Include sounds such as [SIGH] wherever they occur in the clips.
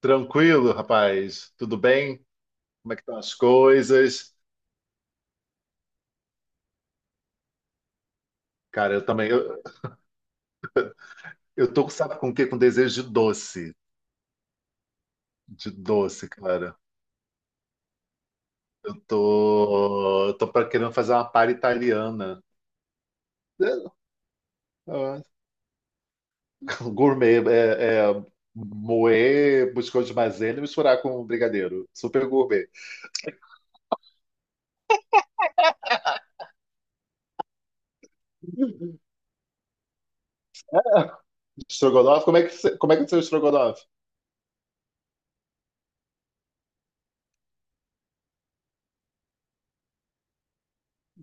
Tranquilo, rapaz. Tudo bem? Como é que estão as coisas? Cara, eu também. Eu tô, sabe com o quê? Com desejo de doce. De doce, cara. Eu tô querendo fazer uma palha italiana. É, é, gourmet. É, moer biscoito de maisena e misturar com brigadeiro. Super gourmet. Estrogonofe? Como é que é o seu estrogonofe?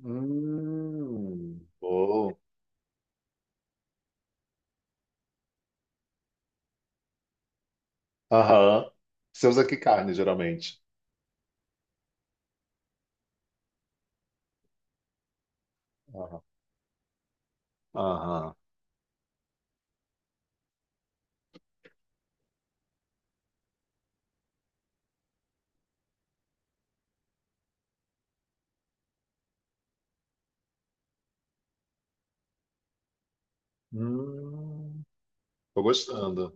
Bom. Aham. Você usa que carne, geralmente? Aham. Aham. Hum, tô gostando.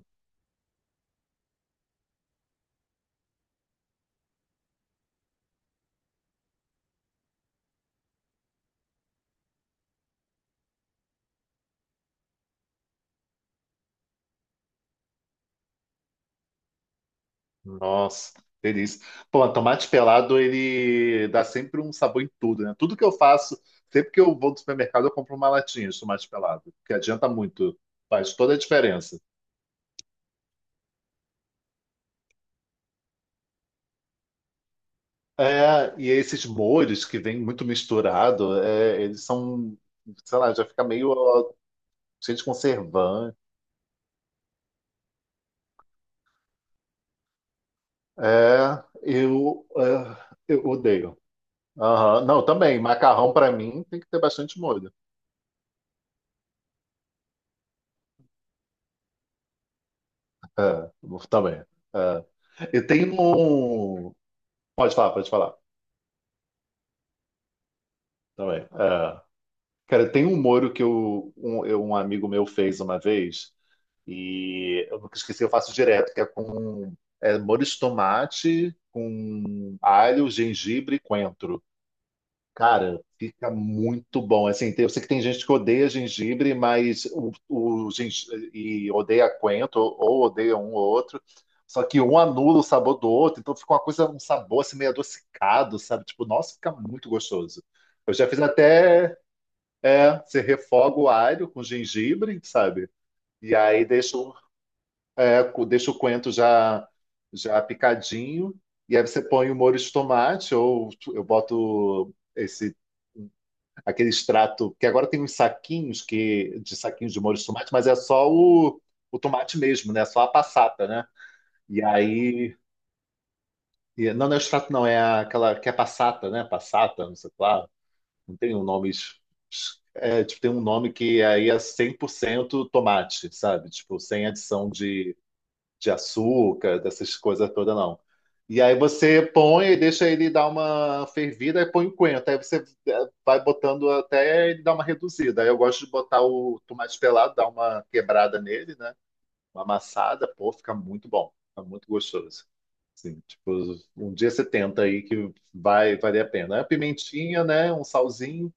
Nossa, delícia. Pô, tomate pelado, ele dá sempre um sabor em tudo, né? Tudo que eu faço, sempre que eu vou do supermercado, eu compro uma latinha de tomate pelado, que adianta muito, faz toda a diferença. É, e esses molhos que vêm muito misturado, é, eles são, sei lá, já fica meio ó, cheio de conservante. É, eu odeio. Aham. Não, também, macarrão para mim tem que ter bastante molho. Ah, também. Ah, eu tenho um. Pode falar, pode falar. Também. Ah, cara, tem um molho que eu- um amigo meu fez uma vez e eu nunca esqueci, eu faço direto, que é com molho de tomate, com alho, gengibre e coentro. Cara, fica muito bom. Assim, eu sei que tem gente que odeia gengibre, mas e odeia coentro, ou odeia um ou outro. Só que um anula o sabor do outro, então fica uma coisa, um sabor assim meio adocicado, sabe? Tipo, nossa, fica muito gostoso. Eu já fiz até, você refoga o alho com gengibre, sabe? E aí deixa, deixa o coentro já picadinho, e aí você põe o molho de tomate, ou eu boto esse aquele extrato que agora tem uns saquinhos que de saquinhos de molho de tomate, mas é só o tomate mesmo, né? Só a passata, né? E aí, não, não é o extrato, não, aquela que é passata, né? Passata, não sei lá, não tem um nome, tipo, tem um nome que aí é 100% tomate, sabe? Tipo, sem adição de açúcar, dessas coisas todas, não. E aí você põe e deixa ele dar uma fervida e põe o coentro. Aí você vai botando até ele dar uma reduzida. Aí eu gosto de botar o tomate pelado, dar uma quebrada nele, né? Uma amassada, pô, fica muito bom. Fica muito gostoso. Sim tipo, um dia você tenta aí que vai valer a pena. Aí a pimentinha, né? Um salzinho.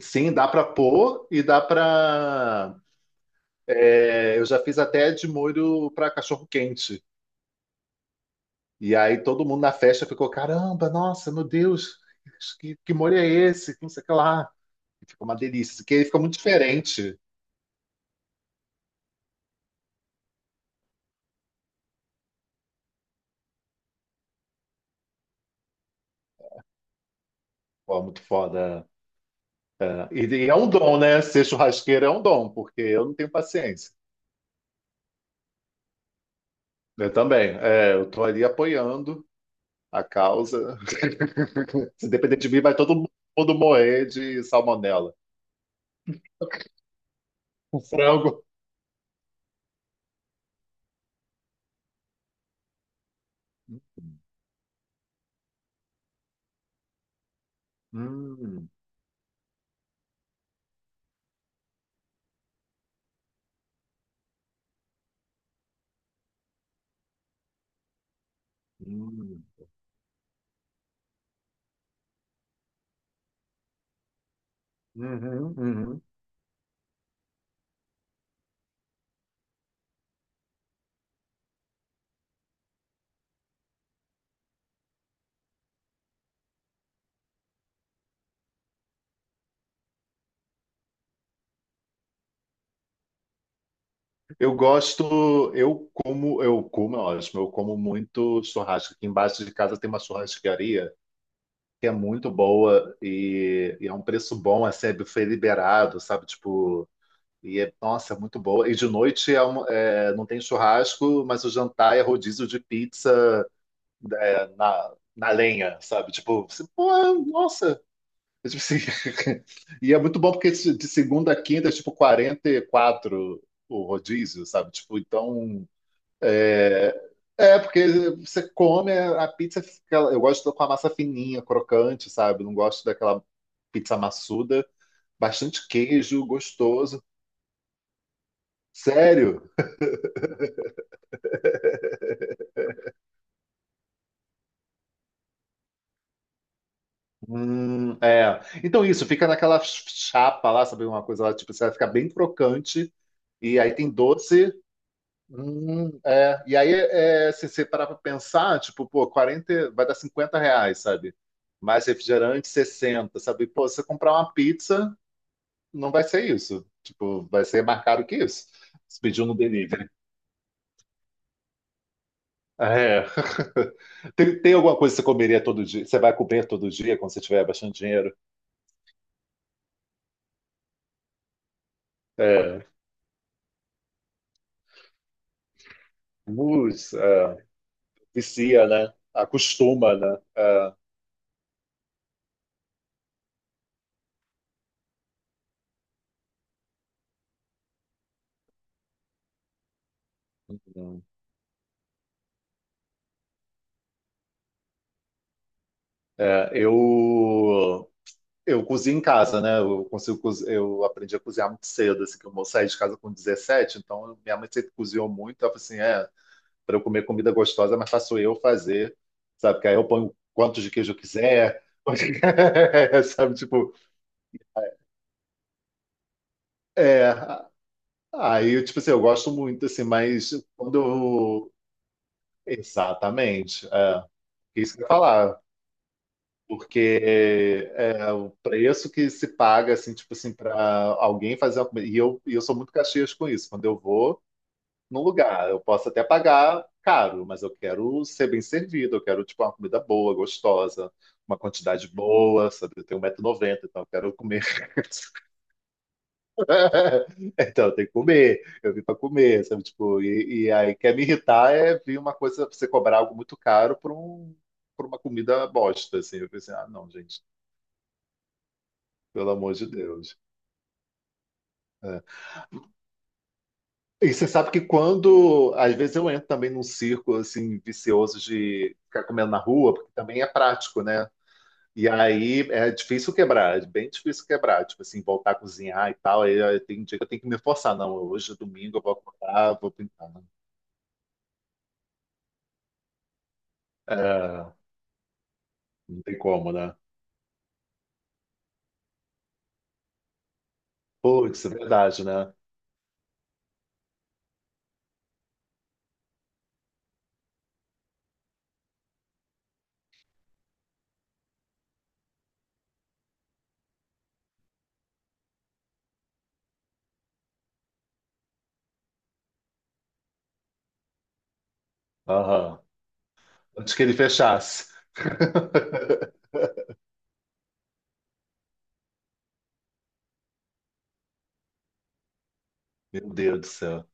Sim, dá para pôr e dá para. Eu já fiz até de molho para cachorro quente. E aí todo mundo na festa ficou, caramba, nossa, meu Deus, que molho é esse? Que não sei o que lá. E ficou uma delícia, que aí fica muito diferente. Pô, muito foda. É, e é um dom, né? Ser churrasqueiro é um dom, porque eu não tenho paciência. Eu também. É, eu tô ali apoiando a causa. [LAUGHS] Se depender de mim, vai todo mundo morrer de salmonela. [LAUGHS] O frango. Hum, hum, uhum, uhum. Eu gosto, eu como, é ótimo, eu como muito churrasco. Aqui embaixo de casa tem uma churrascaria que é muito boa e é um preço bom, assim, é buffet liberado, sabe? Tipo, e é, nossa, é muito boa. E de noite é é, não tem churrasco, mas o jantar é rodízio de pizza na lenha, sabe? Tipo, você, pô, nossa. É tipo assim, [LAUGHS] e é muito bom porque de segunda a quinta é tipo 44 o rodízio, sabe? Tipo, então. É, é, porque você come a pizza, eu gosto com a massa fininha, crocante, sabe? Não gosto daquela pizza maçuda, bastante queijo, gostoso. Sério? É. Então isso, fica naquela chapa lá, sabe? Uma coisa lá, tipo, você vai ficar bem crocante, e aí tem doce. É. E aí, se você parar pra pensar, tipo, pô, 40, vai dar 50 reais, sabe? Mais refrigerante, 60, sabe? Pô, você comprar uma pizza. Não vai ser isso. Tipo, vai ser mais caro que isso. Se pedir no delivery. É. [LAUGHS] Tem alguma coisa que você comeria todo dia? Você vai comer todo dia quando você tiver bastante dinheiro? É. É, vicia, né? Acostuma, né? É, eu cozinho em casa, né? Eu consigo, eu aprendi a cozinhar muito cedo, assim, que saí de casa com 17, então minha mãe sempre cozinhou muito. Ela falou assim, para eu comer comida gostosa, mas faço eu fazer, sabe? Que aí eu ponho quantos de queijo eu quiser, [LAUGHS] sabe? Tipo, é. Aí, tipo assim, eu gosto muito, assim, mas quando eu. Exatamente. É. Isso que eu ia falar, porque o preço que se paga, assim, tipo assim, para alguém fazer uma comida. E eu sou muito caxias com isso. Quando eu vou, num lugar. Eu posso até pagar caro, mas eu quero ser bem servido, eu quero tipo uma comida boa, gostosa, uma quantidade boa, sabe? Eu tenho um 190 noventa então eu quero comer. [LAUGHS] Então eu tenho que comer, eu vim para comer, sabe? Tipo, e aí quer me irritar é vir uma coisa, você cobrar algo muito caro por uma comida bosta, assim. Eu pensei, ah, não, gente, pelo amor de Deus. É. E você sabe que quando, às vezes eu entro também num círculo assim vicioso de ficar comendo na rua, porque também é prático, né? E aí é difícil quebrar, é bem difícil quebrar, tipo assim, voltar a cozinhar e tal. Aí tem dia que eu tenho que me forçar, não, hoje é domingo eu vou acordar, vou pintar, né? É, não tem como, né? Putz, é verdade, né? Aham. Antes que ele fechasse. Meu Deus do céu.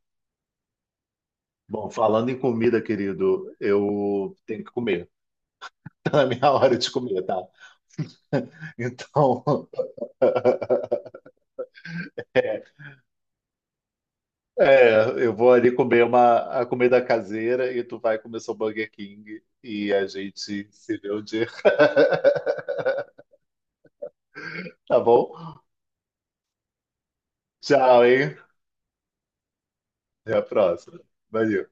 Bom, falando em comida, querido, eu tenho que comer. [LAUGHS] Tá na minha hora de comer, tá? Então, [LAUGHS] É, eu vou ali comer a comida caseira e tu vai comer seu Burger King e a gente se vê um dia, tá bom? Tchau, hein? Até a próxima. Valeu.